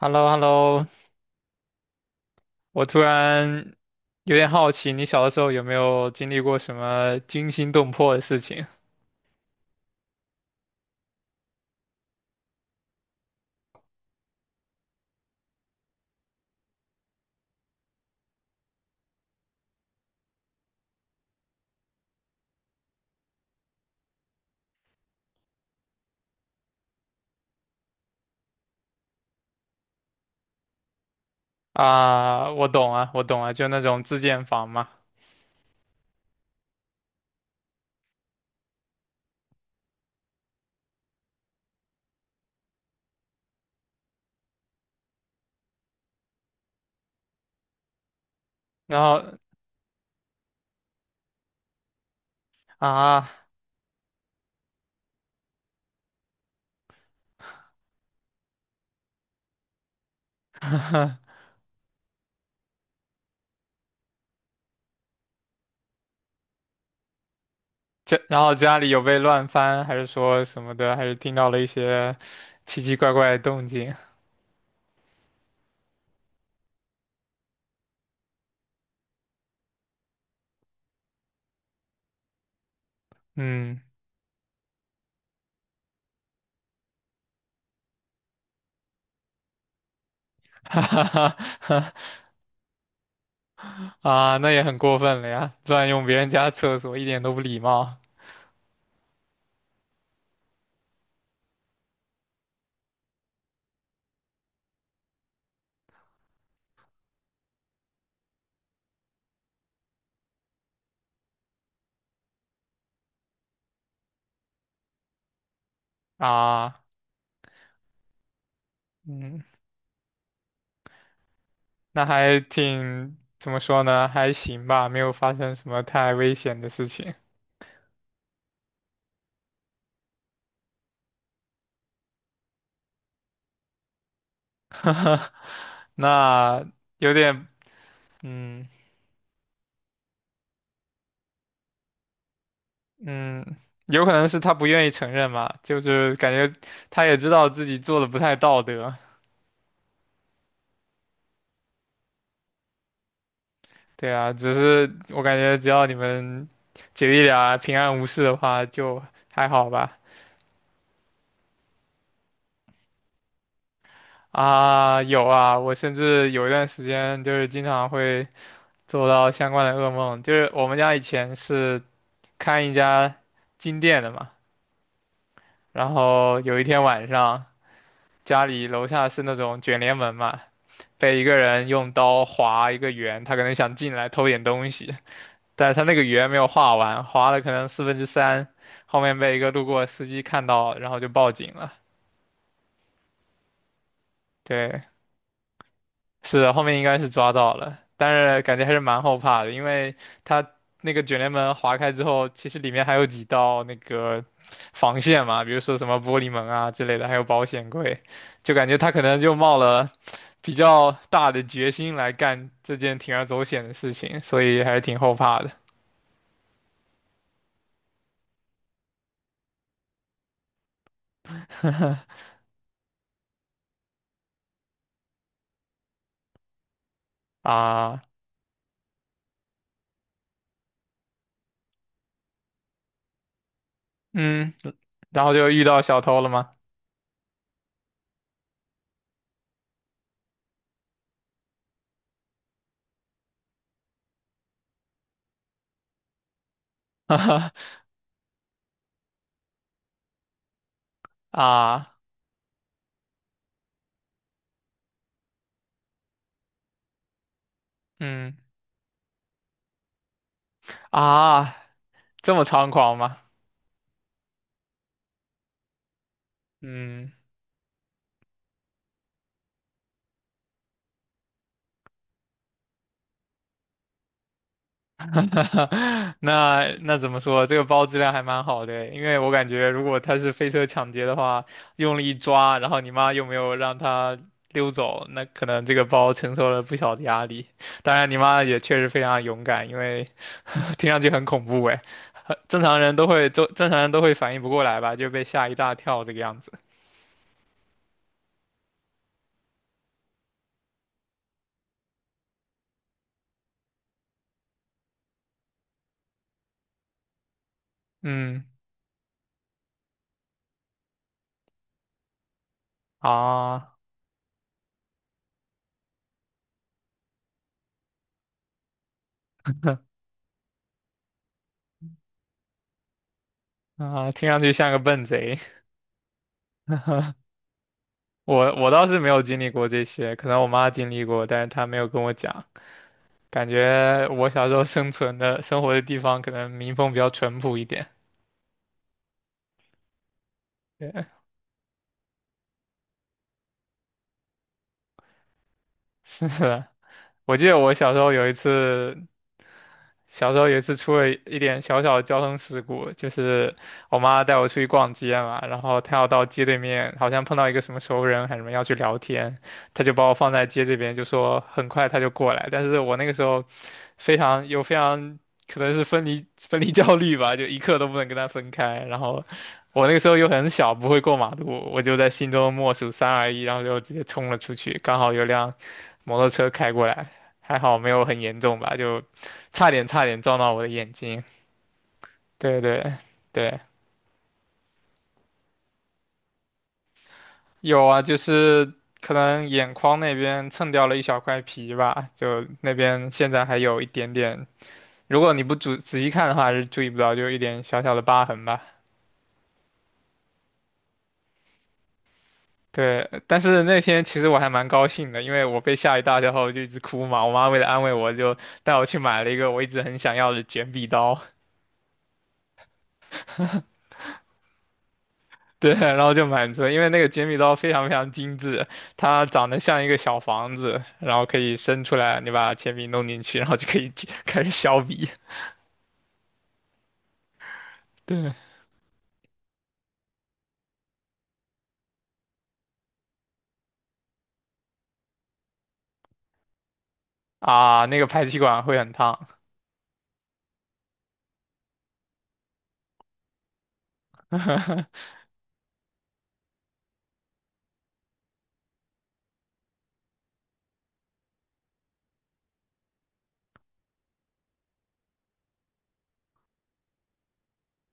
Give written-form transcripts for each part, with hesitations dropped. hello hello. 我突然有点好奇，你小的时候有没有经历过什么惊心动魄的事情？啊？我懂啊，就那种自建房嘛。然后啊，家然后家里有被乱翻，还是说什么的，还是听到了一些奇奇怪怪的动静？嗯，哈哈哈，啊，那也很过分了呀，乱用别人家厕所，一点都不礼貌啊。嗯，那还挺，怎么说呢？还行吧，没有发生什么太危险的事情。那有点，嗯嗯，有可能是他不愿意承认嘛，就是感觉他也知道自己做的不太道德。对啊，只是我感觉只要你们姐弟俩平安无事的话，就还好吧。啊，有啊，我甚至有一段时间就是经常会做到相关的噩梦，就是我们家以前是。看一家金店的嘛，然后有一天晚上，家里楼下是那种卷帘门嘛，被一个人用刀划一个圆，他可能想进来偷点东西，但是他那个圆没有画完，划了可能四分之三，后面被一个路过的司机看到，然后就报警了。对，是的，后面应该是抓到了，但是感觉还是蛮后怕的，因为他那个卷帘门划开之后，其实里面还有几道那个防线嘛，比如说什么玻璃门啊之类的，还有保险柜，就感觉他可能就冒了比较大的决心来干这件铤而走险的事情，所以还是挺后怕的。 啊，嗯，然后就遇到小偷了吗？啊，嗯啊，这么猖狂吗？嗯。那怎么说？这个包质量还蛮好的，因为我感觉如果他是飞车抢劫的话，用力一抓，然后你妈又没有让他溜走，那可能这个包承受了不小的压力。当然，你妈也确实非常勇敢，因为 听上去很恐怖哎，很正常人都会都正常人都会反应不过来吧，就被吓一大跳这个样子。嗯啊啊，听上去像个笨贼。我倒是没有经历过这些，可能我妈经历过，但是她没有跟我讲。感觉我小时候生存的生活的地方可能民风比较淳朴一点。对，是的，我记得我小时候有一次小时候有一次出了一点小小的交通事故，就是我妈带我出去逛街嘛，然后她要到街对面，好像碰到一个什么熟人还是什么要去聊天，她就把我放在街这边，就说很快她就过来，但是我那个时候非常有非常可能是分离焦虑吧，就一刻都不能跟她分开，然后我那个时候又很小，不会过马路，我就在心中默数3 2 1，然后就直接冲了出去，刚好有辆摩托车开过来，还好没有很严重吧，就。差点撞到我的眼睛。对对对，有啊，就是可能眼眶那边蹭掉了一小块皮吧，就那边现在还有一点点，如果你不仔细看的话是注意不到，就一点小小的疤痕吧。对，但是那天其实我还蛮高兴的，因为我被吓一大跳后就一直哭嘛，我妈为了安慰我就带我去买了一个我一直很想要的卷笔刀。对，然后就满足了，因为那个剪笔刀非常非常精致，它长得像一个小房子，然后可以伸出来，你把铅笔弄进去，然后就可以 去开始削笔。对啊，那个排气管会很烫。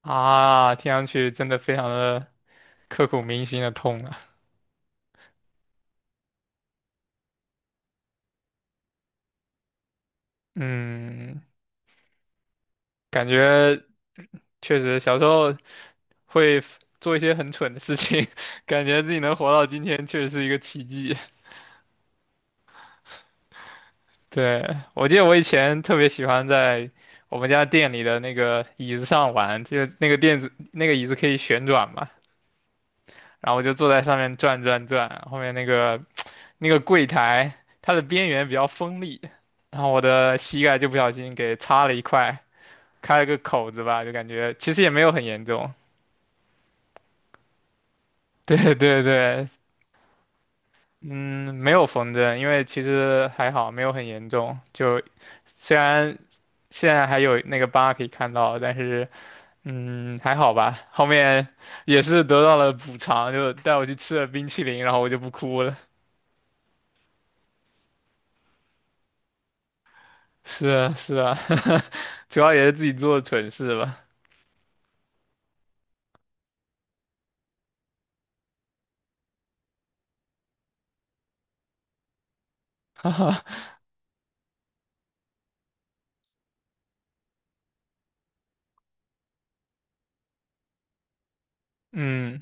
啊，听上去真的非常的刻骨铭心的痛啊。嗯，感觉确实小时候会做一些很蠢的事情，感觉自己能活到今天确实是一个奇迹。对，我记得我以前特别喜欢在我们家店里的那个椅子上玩，就是那个垫子，那个椅子可以旋转嘛，然后我就坐在上面转转转，后面那个柜台，它的边缘比较锋利，然后我的膝盖就不小心给擦了一块，开了个口子吧，就感觉其实也没有很严重。对对对，嗯，没有缝针，因为其实还好，没有很严重，就虽然现在还有那个疤可以看到，但是。嗯，还好吧。后面也是得到了补偿，就带我去吃了冰淇淋，然后我就不哭了。是啊，是啊，主要也是自己做的蠢事吧。嗯，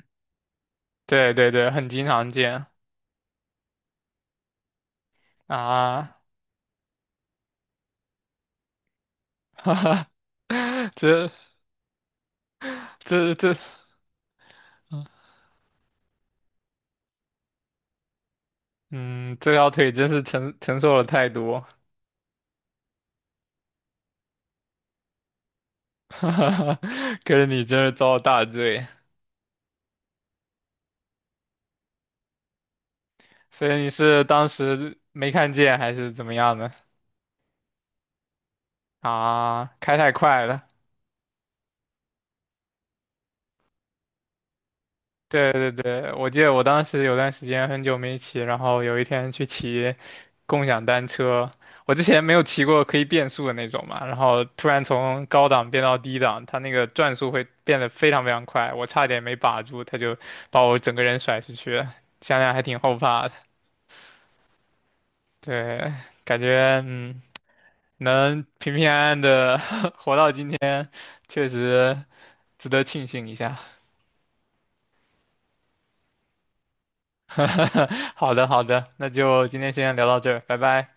对对对，很经常见啊。哈哈，这这，嗯，这条腿真是承受了太多。哈哈，可是你真是遭了大罪。所以你是当时没看见还是怎么样的？啊，开太快了。对对对，我记得我当时有段时间很久没骑，然后有一天去骑共享单车，我之前没有骑过可以变速的那种嘛，然后突然从高档变到低档，它那个转速会变得非常非常快，我差点没把住，它就把我整个人甩出去了，想想还挺后怕的。对，感觉嗯，能平平安安的 活到今天，确实值得庆幸一下。好的好的，那就今天先聊到这儿，拜拜。